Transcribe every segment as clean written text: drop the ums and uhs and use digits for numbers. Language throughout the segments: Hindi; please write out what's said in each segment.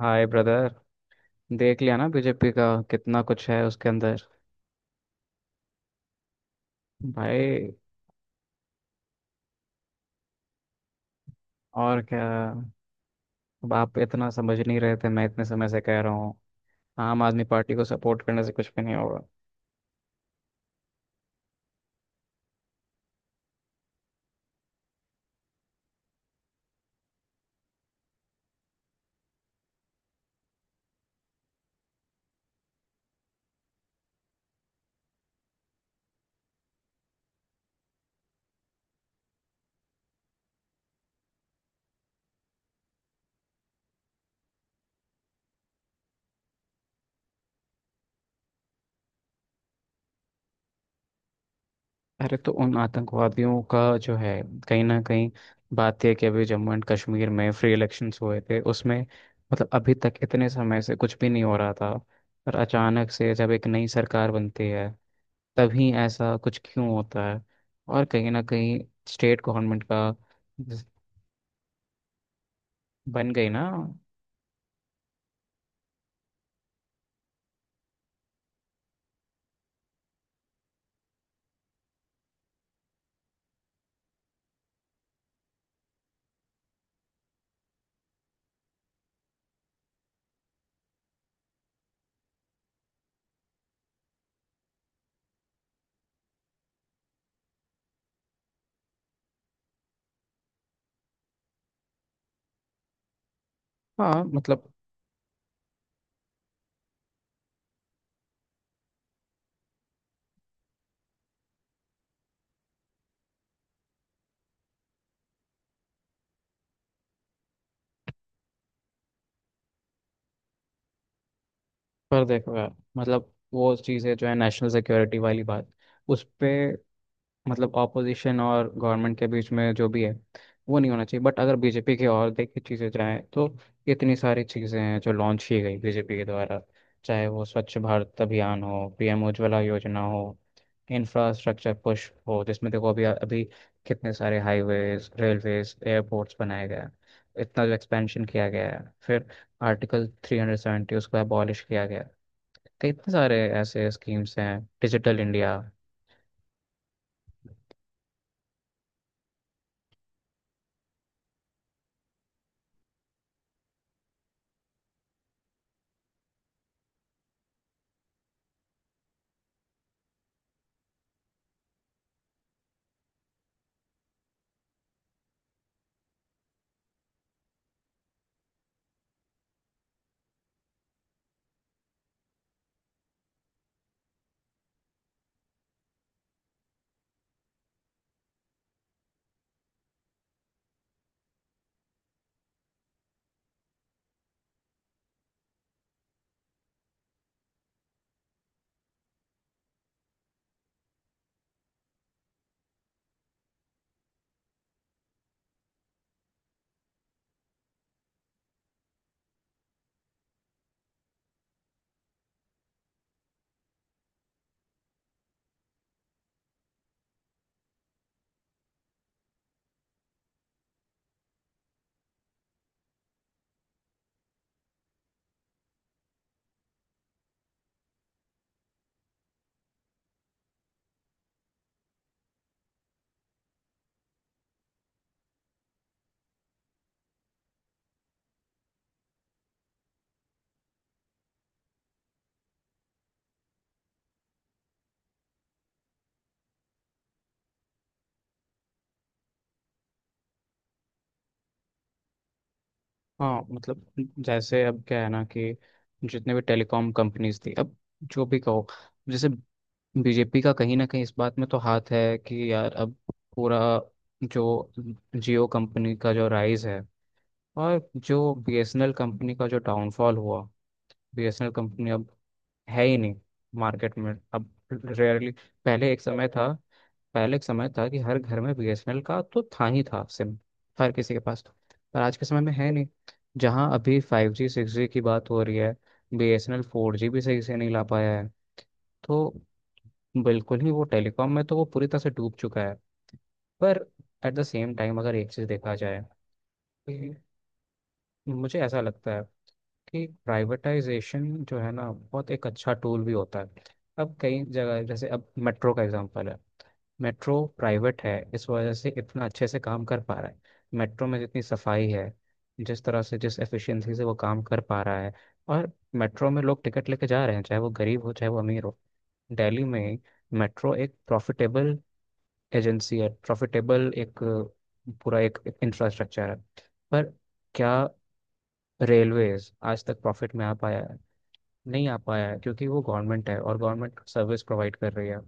हाय ब्रदर। देख लिया ना, बीजेपी का कितना कुछ है उसके अंदर, भाई। और क्या, अब आप इतना समझ नहीं रहे थे, मैं इतने समय से कह रहा हूँ आम आदमी पार्टी को सपोर्ट करने से कुछ भी नहीं होगा। अरे, तो उन आतंकवादियों का जो है, कहीं ना कहीं बात यह कि अभी जम्मू एंड कश्मीर में फ्री इलेक्शंस हुए थे उसमें, मतलब अभी तक इतने समय से कुछ भी नहीं हो रहा था, और अचानक से जब एक नई सरकार बनती है तभी ऐसा कुछ क्यों होता है। और कहीं ना कहीं स्टेट गवर्नमेंट का जिस- बन गई ना। हाँ, मतलब पर देखो यार, मतलब वो चीज़ें जो है नेशनल सिक्योरिटी वाली बात, उस पे मतलब ऑपोजिशन और गवर्नमेंट के बीच में जो भी है वो नहीं होना चाहिए। बट अगर बीजेपी की और देखिए चीज़ें जाएँ तो इतनी सारी चीज़ें हैं जो लॉन्च की गई बीजेपी के द्वारा, चाहे वो स्वच्छ भारत अभियान हो, पीएम उज्ज्वला योजना हो, इंफ्रास्ट्रक्चर पुश हो जिसमें देखो अभी अभी कितने सारे हाईवेज, रेलवेज, एयरपोर्ट्स बनाए गए हैं। इतना जो एक्सपेंशन किया गया है, फिर आर्टिकल 370 उसको अबॉलिश किया गया है। तो इतने सारे ऐसे स्कीम्स हैं, डिजिटल इंडिया। हाँ, मतलब जैसे अब क्या है ना, कि जितने भी टेलीकॉम कंपनीज थी, अब जो भी कहो, जैसे बीजेपी का कहीं ना कहीं इस बात में तो हाथ है कि यार अब पूरा जो जियो कंपनी का जो राइज है और जो बीएसएनएल कंपनी का जो डाउनफॉल हुआ। बीएसएनएल कंपनी अब है ही नहीं मार्केट में, अब रेयरली। पहले एक समय था पहले एक समय था कि हर घर में बीएसएनएल का तो था ही था सिम, हर किसी के पास था। पर आज के समय में है नहीं। जहाँ अभी 5G, 6G की बात हो रही है, बीएसएनएल 4G भी सही से नहीं ला पाया है। तो बिल्कुल ही वो टेलीकॉम में तो वो पूरी तरह से डूब चुका है। पर एट द सेम टाइम अगर एक चीज़ देखा जाए कि मुझे ऐसा लगता है कि प्राइवेटाइजेशन जो है ना, बहुत एक अच्छा टूल भी होता है। अब कई जगह, जैसे अब मेट्रो का एग्जांपल है, मेट्रो प्राइवेट है इस वजह से इतना अच्छे से काम कर पा रहा है। मेट्रो में जितनी सफाई है, जिस तरह से, जिस एफिशिएंसी से वो काम कर पा रहा है, और मेट्रो में लोग टिकट लेके जा रहे हैं चाहे वो गरीब हो चाहे वो अमीर हो। दिल्ली में मेट्रो एक प्रॉफिटेबल एजेंसी है, प्रॉफिटेबल एक पूरा एक इंफ्रास्ट्रक्चर है। पर क्या रेलवेज आज तक प्रॉफिट में आ पाया है? नहीं आ पाया है, क्योंकि वो गवर्नमेंट है और गवर्नमेंट सर्विस प्रोवाइड कर रही है।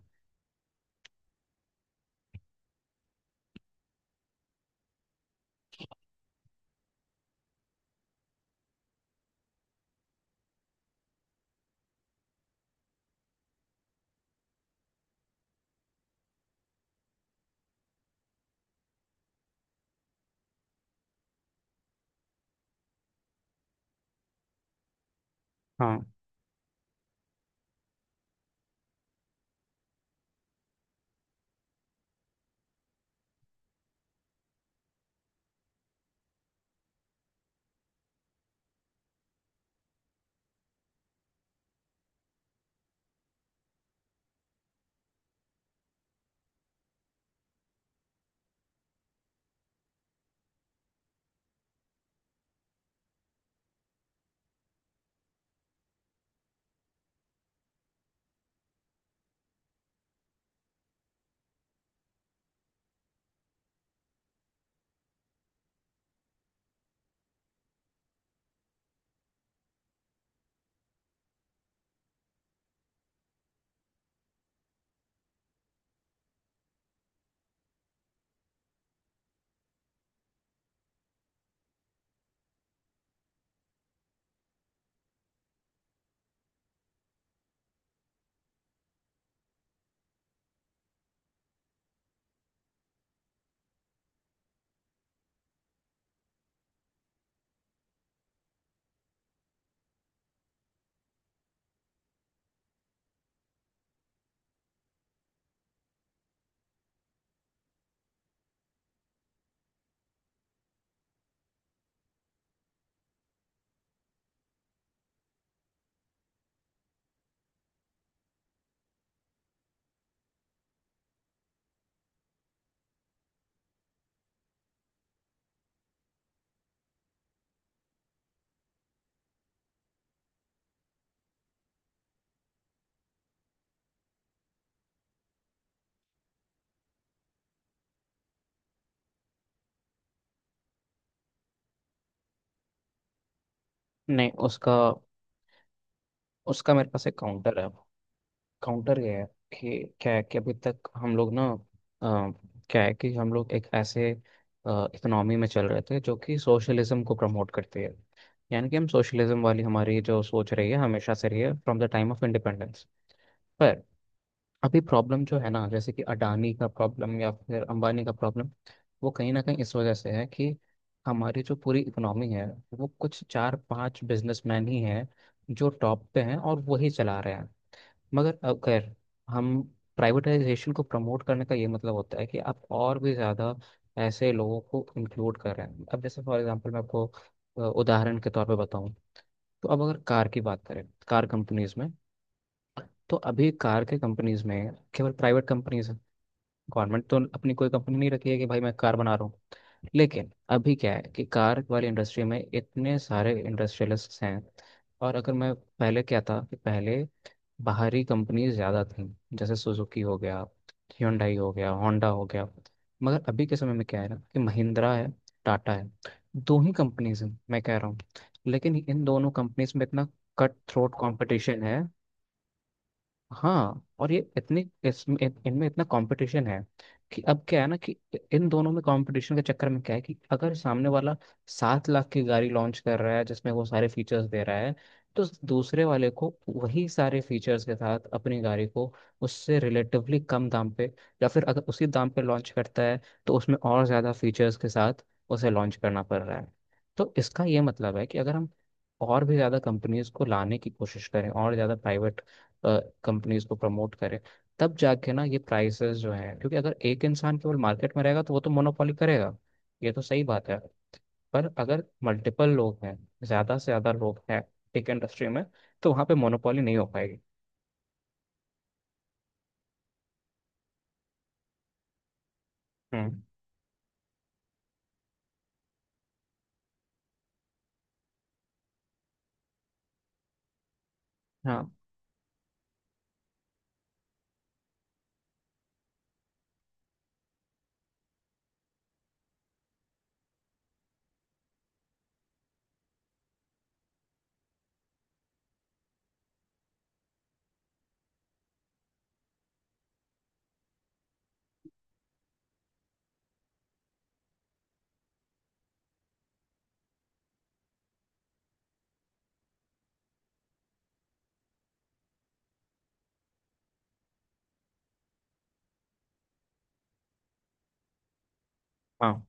हाँ। नहीं उसका उसका मेरे पास एक काउंटर है। काउंटर गया है कि क्या है कि अभी तक हम लोग क्या है कि हम लोग एक ऐसे इकोनॉमी में चल रहे थे जो कि सोशलिज्म को प्रमोट करती है। यानी कि हम सोशलिज्म वाली हमारी जो सोच रही है, हमेशा से रही है, from the time of independence. पर अभी प्रॉब्लम जो है ना, जैसे कि अडानी का प्रॉब्लम या फिर अंबानी का प्रॉब्लम, वो कहीं ना कहीं इस वजह से है कि हमारी जो पूरी इकोनॉमी है, वो कुछ चार पांच बिजनेसमैन ही हैं जो टॉप पे हैं और वही चला रहे हैं। मगर अगर हम प्राइवेटाइजेशन को प्रमोट करने का ये मतलब होता है कि आप और भी ज़्यादा ऐसे लोगों को इंक्लूड कर रहे हैं। अब जैसे फॉर एग्जांपल मैं आपको उदाहरण के तौर पे बताऊं, तो अब अगर कार की बात करें, कार कंपनीज में, तो अभी कार के कंपनीज में केवल प्राइवेट कंपनीज हैं। गवर्नमेंट तो अपनी कोई कंपनी नहीं रखी है कि भाई मैं कार बना रहा हूँ। लेकिन अभी क्या है कि कार वाली इंडस्ट्री में इतने सारे इंडस्ट्रियलिस्ट्स हैं। और अगर मैं पहले क्या था कि पहले बाहरी कंपनीज ज़्यादा थीं, जैसे सुजुकी हो गया, Hyundai हो गया, होंडा हो गया। मगर अभी के समय में क्या है ना कि महिंद्रा है, टाटा है, दो ही कंपनीज हैं मैं कह रहा हूँ। लेकिन इन दोनों कंपनीज में इतना कट थ्रोट कंपटीशन है। हाँ, और ये इतनी इनमें इतना कंपटीशन है कि अब क्या है ना कि इन दोनों में कंपटीशन के चक्कर में क्या है कि अगर सामने वाला 7 लाख की गाड़ी लॉन्च कर रहा है जिसमें वो सारे फीचर्स दे रहा है, तो दूसरे वाले को वही सारे फीचर्स के साथ अपनी गाड़ी को उससे रिलेटिवली कम दाम पे या फिर अगर उसी दाम पे लॉन्च करता है तो उसमें और ज़्यादा फीचर्स के साथ उसे लॉन्च करना पड़ रहा है। तो इसका ये मतलब है कि अगर हम और भी ज़्यादा कंपनीज को लाने की कोशिश करें और ज़्यादा प्राइवेट कंपनीज को प्रमोट करे, तब जाके ना ये प्राइसेस जो है, क्योंकि अगर एक इंसान केवल मार्केट में रहेगा तो वो तो मोनोपोली करेगा, ये तो सही बात है। पर अगर मल्टीपल लोग हैं, ज्यादा से ज्यादा लोग हैं टेक इंडस्ट्री में, तो वहाँ पे मोनोपोली नहीं हो पाएगी। हम्म। हाँ हाँ।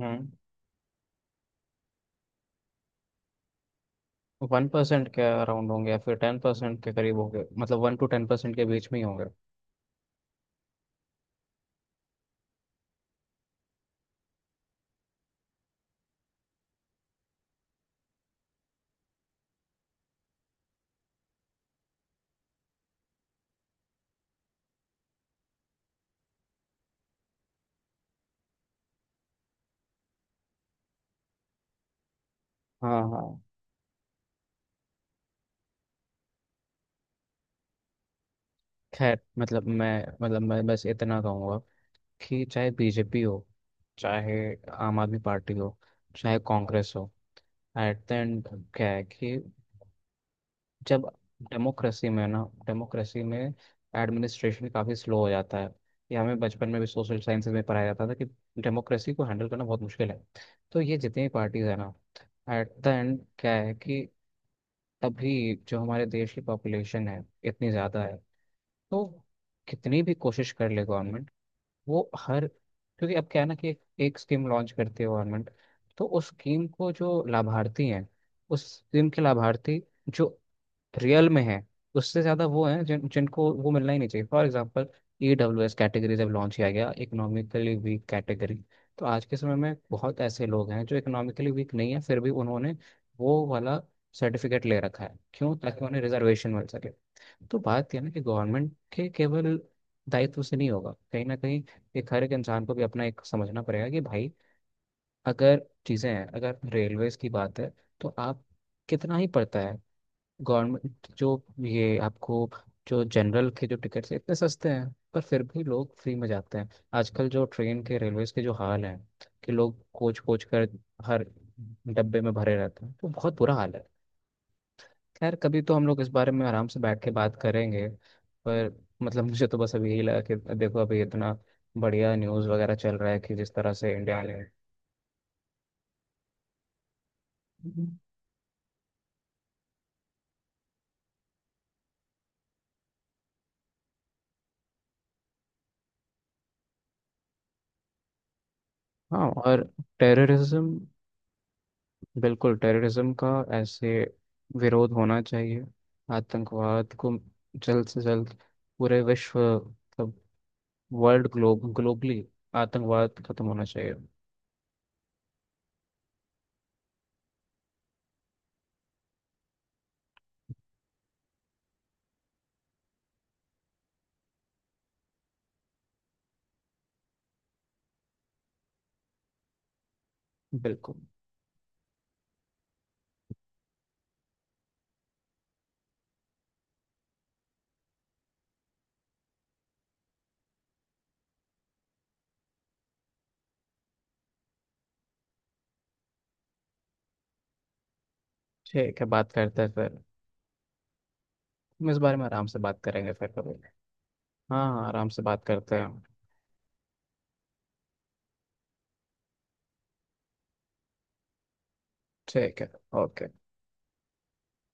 हम्म। 1% के अराउंड होंगे, या फिर 10% के करीब होंगे, मतलब 1 to 10% के बीच में ही होंगे। हाँ हाँ। खैर, मतलब मैं बस इतना कहूँगा कि चाहे बीजेपी हो, चाहे आम आदमी पार्टी हो, चाहे कांग्रेस हो, एट द एंड क्या है कि जब डेमोक्रेसी में एडमिनिस्ट्रेशन काफ़ी स्लो हो जाता है। ये हमें बचपन में भी सोशल साइंस में पढ़ाया जाता था कि डेमोक्रेसी को हैंडल करना बहुत मुश्किल है। तो ये जितनी भी पार्टीज है ना, एट द एंड क्या है कि अभी जो हमारे देश की पॉपुलेशन है, इतनी ज़्यादा है, तो कितनी भी कोशिश कर ले गवर्नमेंट, वो हर क्योंकि अब क्या है ना कि एक स्कीम लॉन्च करती है गवर्नमेंट, तो उस स्कीम को जो लाभार्थी हैं, उस स्कीम के लाभार्थी जो रियल में हैं, उससे ज़्यादा वो हैं जिन जिनको वो मिलना ही नहीं चाहिए। फॉर एग्जांपल, EWS कैटेगरी जब लॉन्च किया गया, इकोनॉमिकली वीक कैटेगरी, तो आज के समय में बहुत ऐसे लोग हैं जो इकोनॉमिकली वीक नहीं है, फिर भी उन्होंने वो वाला सर्टिफिकेट ले रखा है, क्यों? ताकि उन्हें रिजर्वेशन मिल सके। तो बात यह है ना कि गवर्नमेंट के केवल दायित्व से नहीं होगा, कहीं ना कहीं एक हर एक इंसान को भी अपना एक समझना पड़ेगा कि भाई, अगर चीज़ें हैं, अगर रेलवेज की बात है तो आप कितना ही पड़ता है, गवर्नमेंट जो ये आपको, जो जनरल के जो टिकट्स हैं इतने सस्ते हैं, पर फिर भी लोग फ्री में जाते हैं। आजकल जो ट्रेन के, रेलवेज के जो हाल है, कि लोग कोच कोच कर हर डब्बे में भरे रहते हैं, तो बहुत बुरा हाल है। खैर, कभी तो हम लोग इस बारे में आराम से बैठ के बात करेंगे। पर मतलब मुझे तो बस अभी यही लगा कि देखो अभी इतना बढ़िया न्यूज़ वगैरह चल रहा है कि जिस तरह से इंडिया ने। हम्म। हाँ, और टेररिज्म, बिल्कुल टेररिज्म का ऐसे विरोध होना चाहिए। आतंकवाद को जल्द से जल्द पूरे विश्व, मतलब वर्ल्ड ग्लोब, ग्लोबली आतंकवाद खत्म होना चाहिए। बिल्कुल। ठीक है, बात करते हैं फिर। हम इस बारे में आराम से बात करेंगे फिर कभी। हाँ हाँ, आराम से बात करते हैं। ठीक है। ओके।